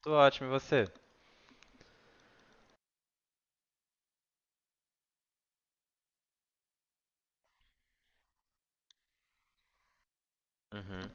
Tô ótimo, e você? Uhum.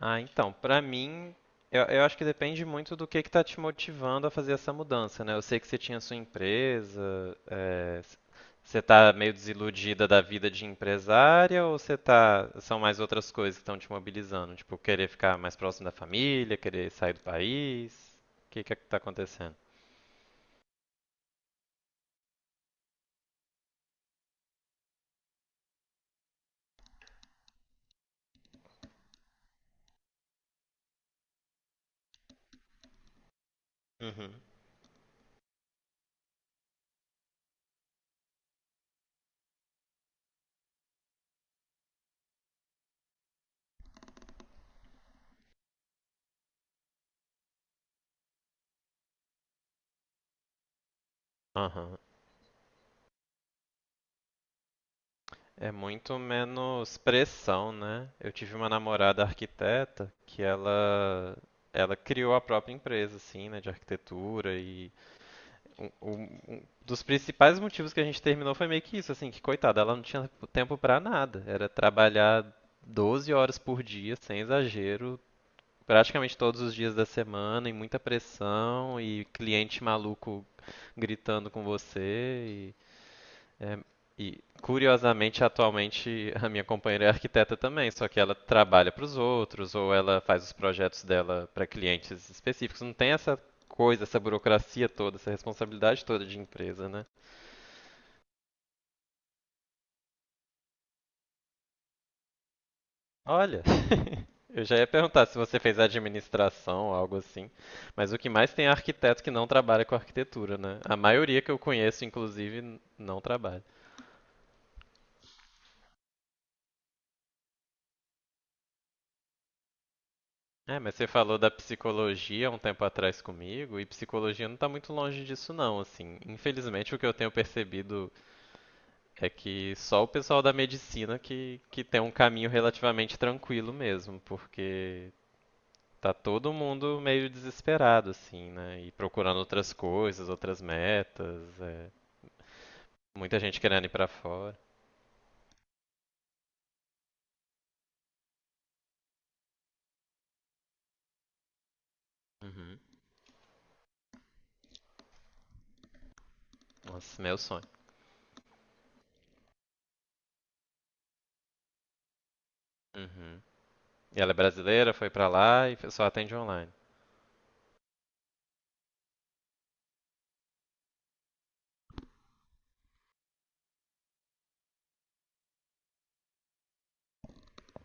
Ah, então, pra mim, eu acho que depende muito do que tá te motivando a fazer essa mudança, né? Eu sei que você tinha sua empresa, é, c- você tá meio desiludida da vida de empresária ou você tá, são mais outras coisas que estão te mobilizando? Tipo, querer ficar mais próximo da família, querer sair do país? O que que é que tá acontecendo? Uhum. Aham. É muito menos pressão, né? Eu tive uma namorada arquiteta que ela criou a própria empresa, assim, né, de arquitetura e um dos principais motivos que a gente terminou foi meio que isso, assim, que coitada, ela não tinha tempo pra nada, era trabalhar 12 horas por dia, sem exagero, praticamente todos os dias da semana, e muita pressão e cliente maluco gritando com você é, e curiosamente, atualmente, a minha companheira é arquiteta também, só que ela trabalha para os outros ou ela faz os projetos dela para clientes específicos. Não tem essa coisa, essa burocracia toda, essa responsabilidade toda de empresa, né? Olha, eu já ia perguntar se você fez administração ou algo assim, mas o que mais tem é arquiteto que não trabalha com arquitetura, né? A maioria que eu conheço, inclusive, não trabalha. É, mas você falou da psicologia um tempo atrás comigo, e psicologia não tá muito longe disso não, assim. Infelizmente, o que eu tenho percebido é que só o pessoal da medicina que tem um caminho relativamente tranquilo mesmo, porque tá todo mundo meio desesperado, assim, né? E procurando outras coisas, outras metas, é. Muita gente querendo ir pra fora. Uhum. Nossa, meu sonho. Uhum. E ela é brasileira, foi pra lá e só atende online.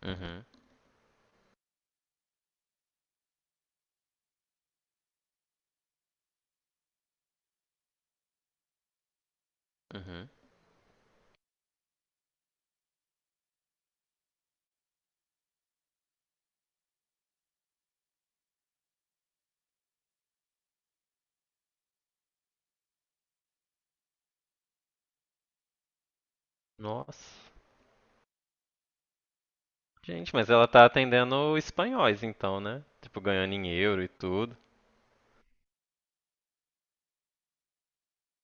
Uhum. Uhum. Nossa. Gente, mas ela tá atendendo espanhóis então, né? Tipo, ganhando em euro e tudo.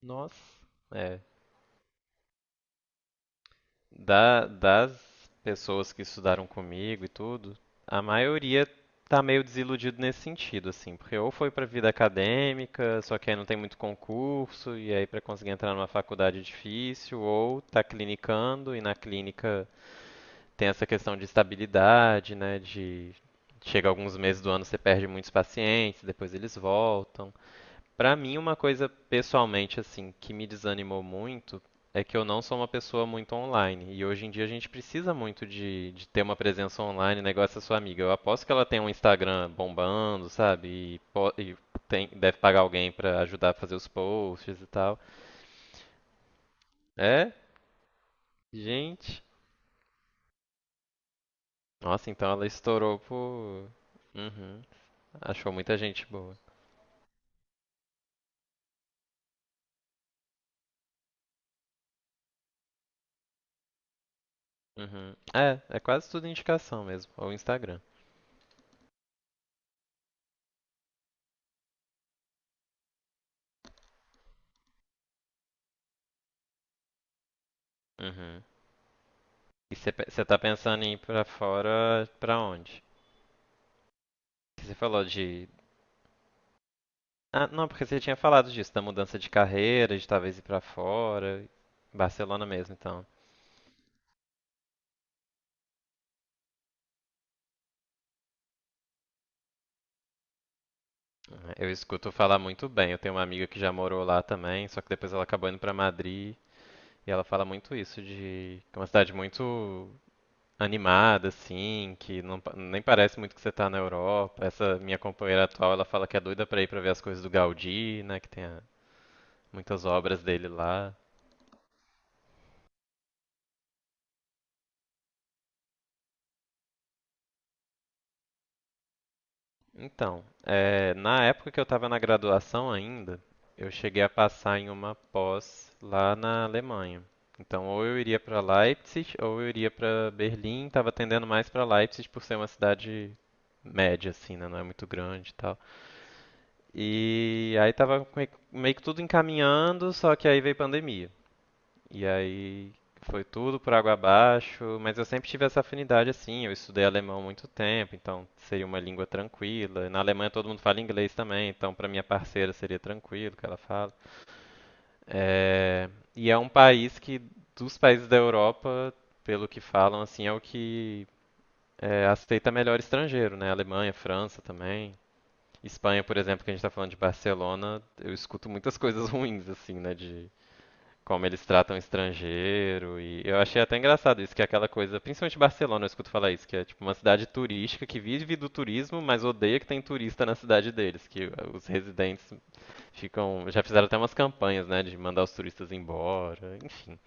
Nossa. É. Das pessoas que estudaram comigo e tudo, a maioria tá meio desiludido nesse sentido, assim. Porque ou foi pra vida acadêmica, só que aí não tem muito concurso, e aí pra conseguir entrar numa faculdade é difícil, ou tá clinicando, e na clínica tem essa questão de estabilidade, né? De chega alguns meses do ano você perde muitos pacientes, depois eles voltam. Pra mim, uma coisa pessoalmente assim que me desanimou muito é que eu não sou uma pessoa muito online. E hoje em dia a gente precisa muito de ter uma presença online, negócio da sua amiga. Eu aposto que ela tem um Instagram bombando, sabe? E, po- e Deve pagar alguém pra ajudar a fazer os posts e tal. É? Gente. Nossa, então ela estourou por. Uhum. Achou muita gente boa. Uhum. É, é quase tudo indicação mesmo. Ou Instagram. Uhum. E você tá pensando em ir pra fora pra onde? Que você falou de. Ah, não, porque você tinha falado disso, da mudança de carreira, de talvez ir pra fora. Barcelona mesmo, então. Eu escuto falar muito bem. Eu tenho uma amiga que já morou lá também, só que depois ela acabou indo pra Madrid. E ela fala muito isso de que é uma cidade muito animada, assim, que nem parece muito que você tá na Europa. Essa minha companheira atual, ela fala que é doida pra ir pra ver as coisas do Gaudí, né, muitas obras dele lá. Então, na época que eu estava na graduação ainda, eu cheguei a passar em uma pós lá na Alemanha. Então, ou eu iria para Leipzig, ou eu iria para Berlim. Estava tendendo mais para Leipzig por ser uma cidade média, assim, né? Não é muito grande e tal. E aí estava meio que tudo encaminhando, só que aí veio pandemia. E aí tudo por água abaixo, mas eu sempre tive essa afinidade assim. Eu estudei alemão há muito tempo, então seria uma língua tranquila. Na Alemanha todo mundo fala inglês também, então para minha parceira seria tranquilo que ela fala. É, e é um país que, dos países da Europa, pelo que falam, assim, é o que aceita melhor estrangeiro, né? Alemanha, França também. Espanha, por exemplo, que a gente está falando de Barcelona, eu escuto muitas coisas ruins, assim, né? De como eles tratam estrangeiro. E eu achei até engraçado isso, que é aquela coisa, principalmente Barcelona, eu escuto falar isso, que é tipo uma cidade turística que vive do turismo, mas odeia que tem turista na cidade deles, que os residentes ficam, já fizeram até umas campanhas, né, de mandar os turistas embora. Enfim.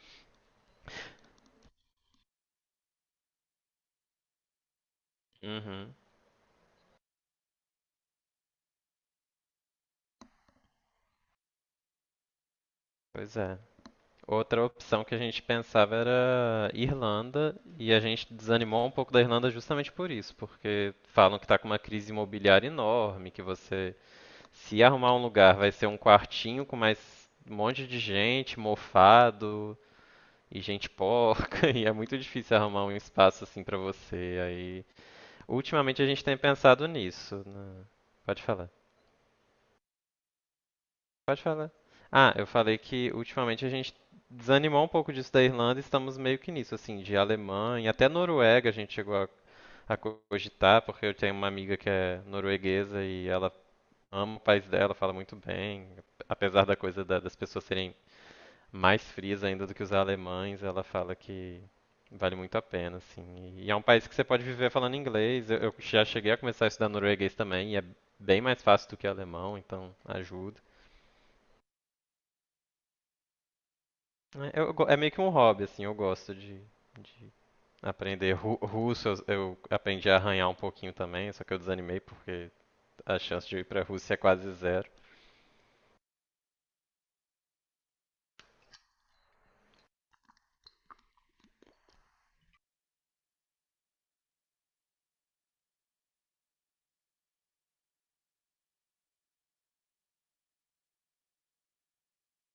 Uhum. Pois é. Outra opção que a gente pensava era Irlanda, e a gente desanimou um pouco da Irlanda justamente por isso, porque falam que está com uma crise imobiliária enorme, que você se arrumar um lugar, vai ser um quartinho com mais um monte de gente, mofado e gente porca, e é muito difícil arrumar um espaço assim pra você. Aí, ultimamente a gente tem pensado nisso, né? Pode falar. Pode falar. Ah, eu falei que ultimamente a gente desanimou um pouco disso da Irlanda e estamos meio que nisso, assim, de Alemanha, até Noruega a gente chegou a cogitar, porque eu tenho uma amiga que é norueguesa e ela ama o país dela, fala muito bem, apesar da coisa das pessoas serem mais frias ainda do que os alemães, ela fala que vale muito a pena, assim. E é um país que você pode viver falando inglês. Eu já cheguei a começar a estudar norueguês também, e é bem mais fácil do que alemão, então ajuda. É, é meio que um hobby, assim, eu gosto de russo. Eu aprendi a arranhar um pouquinho também, só que eu desanimei porque a chance de eu ir pra Rússia é quase zero.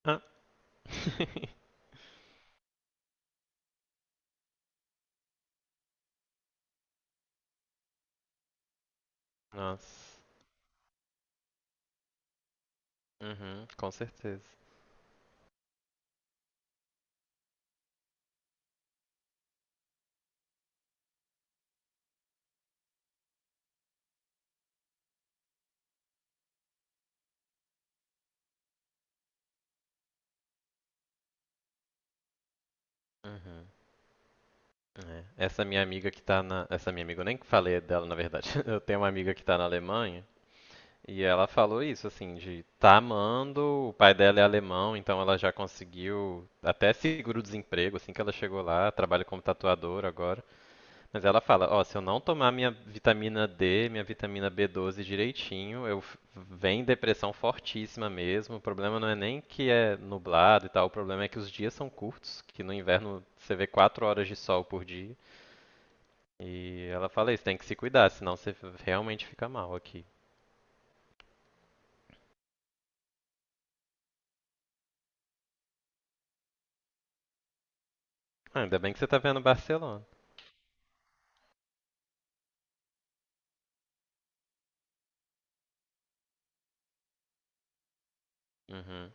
Ah. Nossa. Uhum, com certeza. Uhum. É. Essa minha amiga que tá na. Essa minha amiga, eu nem falei dela, na verdade. Eu tenho uma amiga que tá na Alemanha e ela falou isso, assim, de tá amando, o pai dela é alemão, então ela já conseguiu até seguro-desemprego, assim que ela chegou lá, trabalha como tatuadora agora. Mas ela fala, ó, se eu não tomar minha vitamina D, minha vitamina B12 direitinho, vem depressão fortíssima mesmo. O problema não é nem que é nublado e tal, o problema é que os dias são curtos, que no inverno você vê 4 horas de sol por dia. E ela fala isso, tem que se cuidar, senão você realmente fica mal aqui. Ah, ainda bem que você tá vendo Barcelona. Uhum,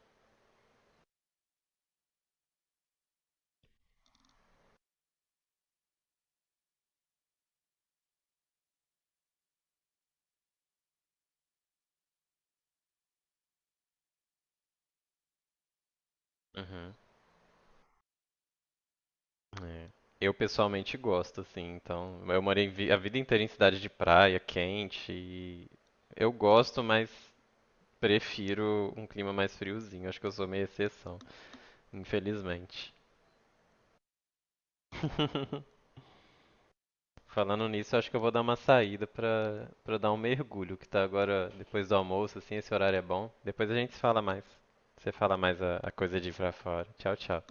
uhum. É. Eu pessoalmente gosto, assim, então. A vida inteira em cidade de praia, quente, e eu gosto, mas prefiro um clima mais friozinho. Acho que eu sou meio exceção, infelizmente. Falando nisso, acho que eu vou dar uma saída pra dar um mergulho, que tá agora depois do almoço, assim, esse horário é bom. Depois a gente se fala mais. Você fala mais a coisa de ir pra fora. Tchau, tchau.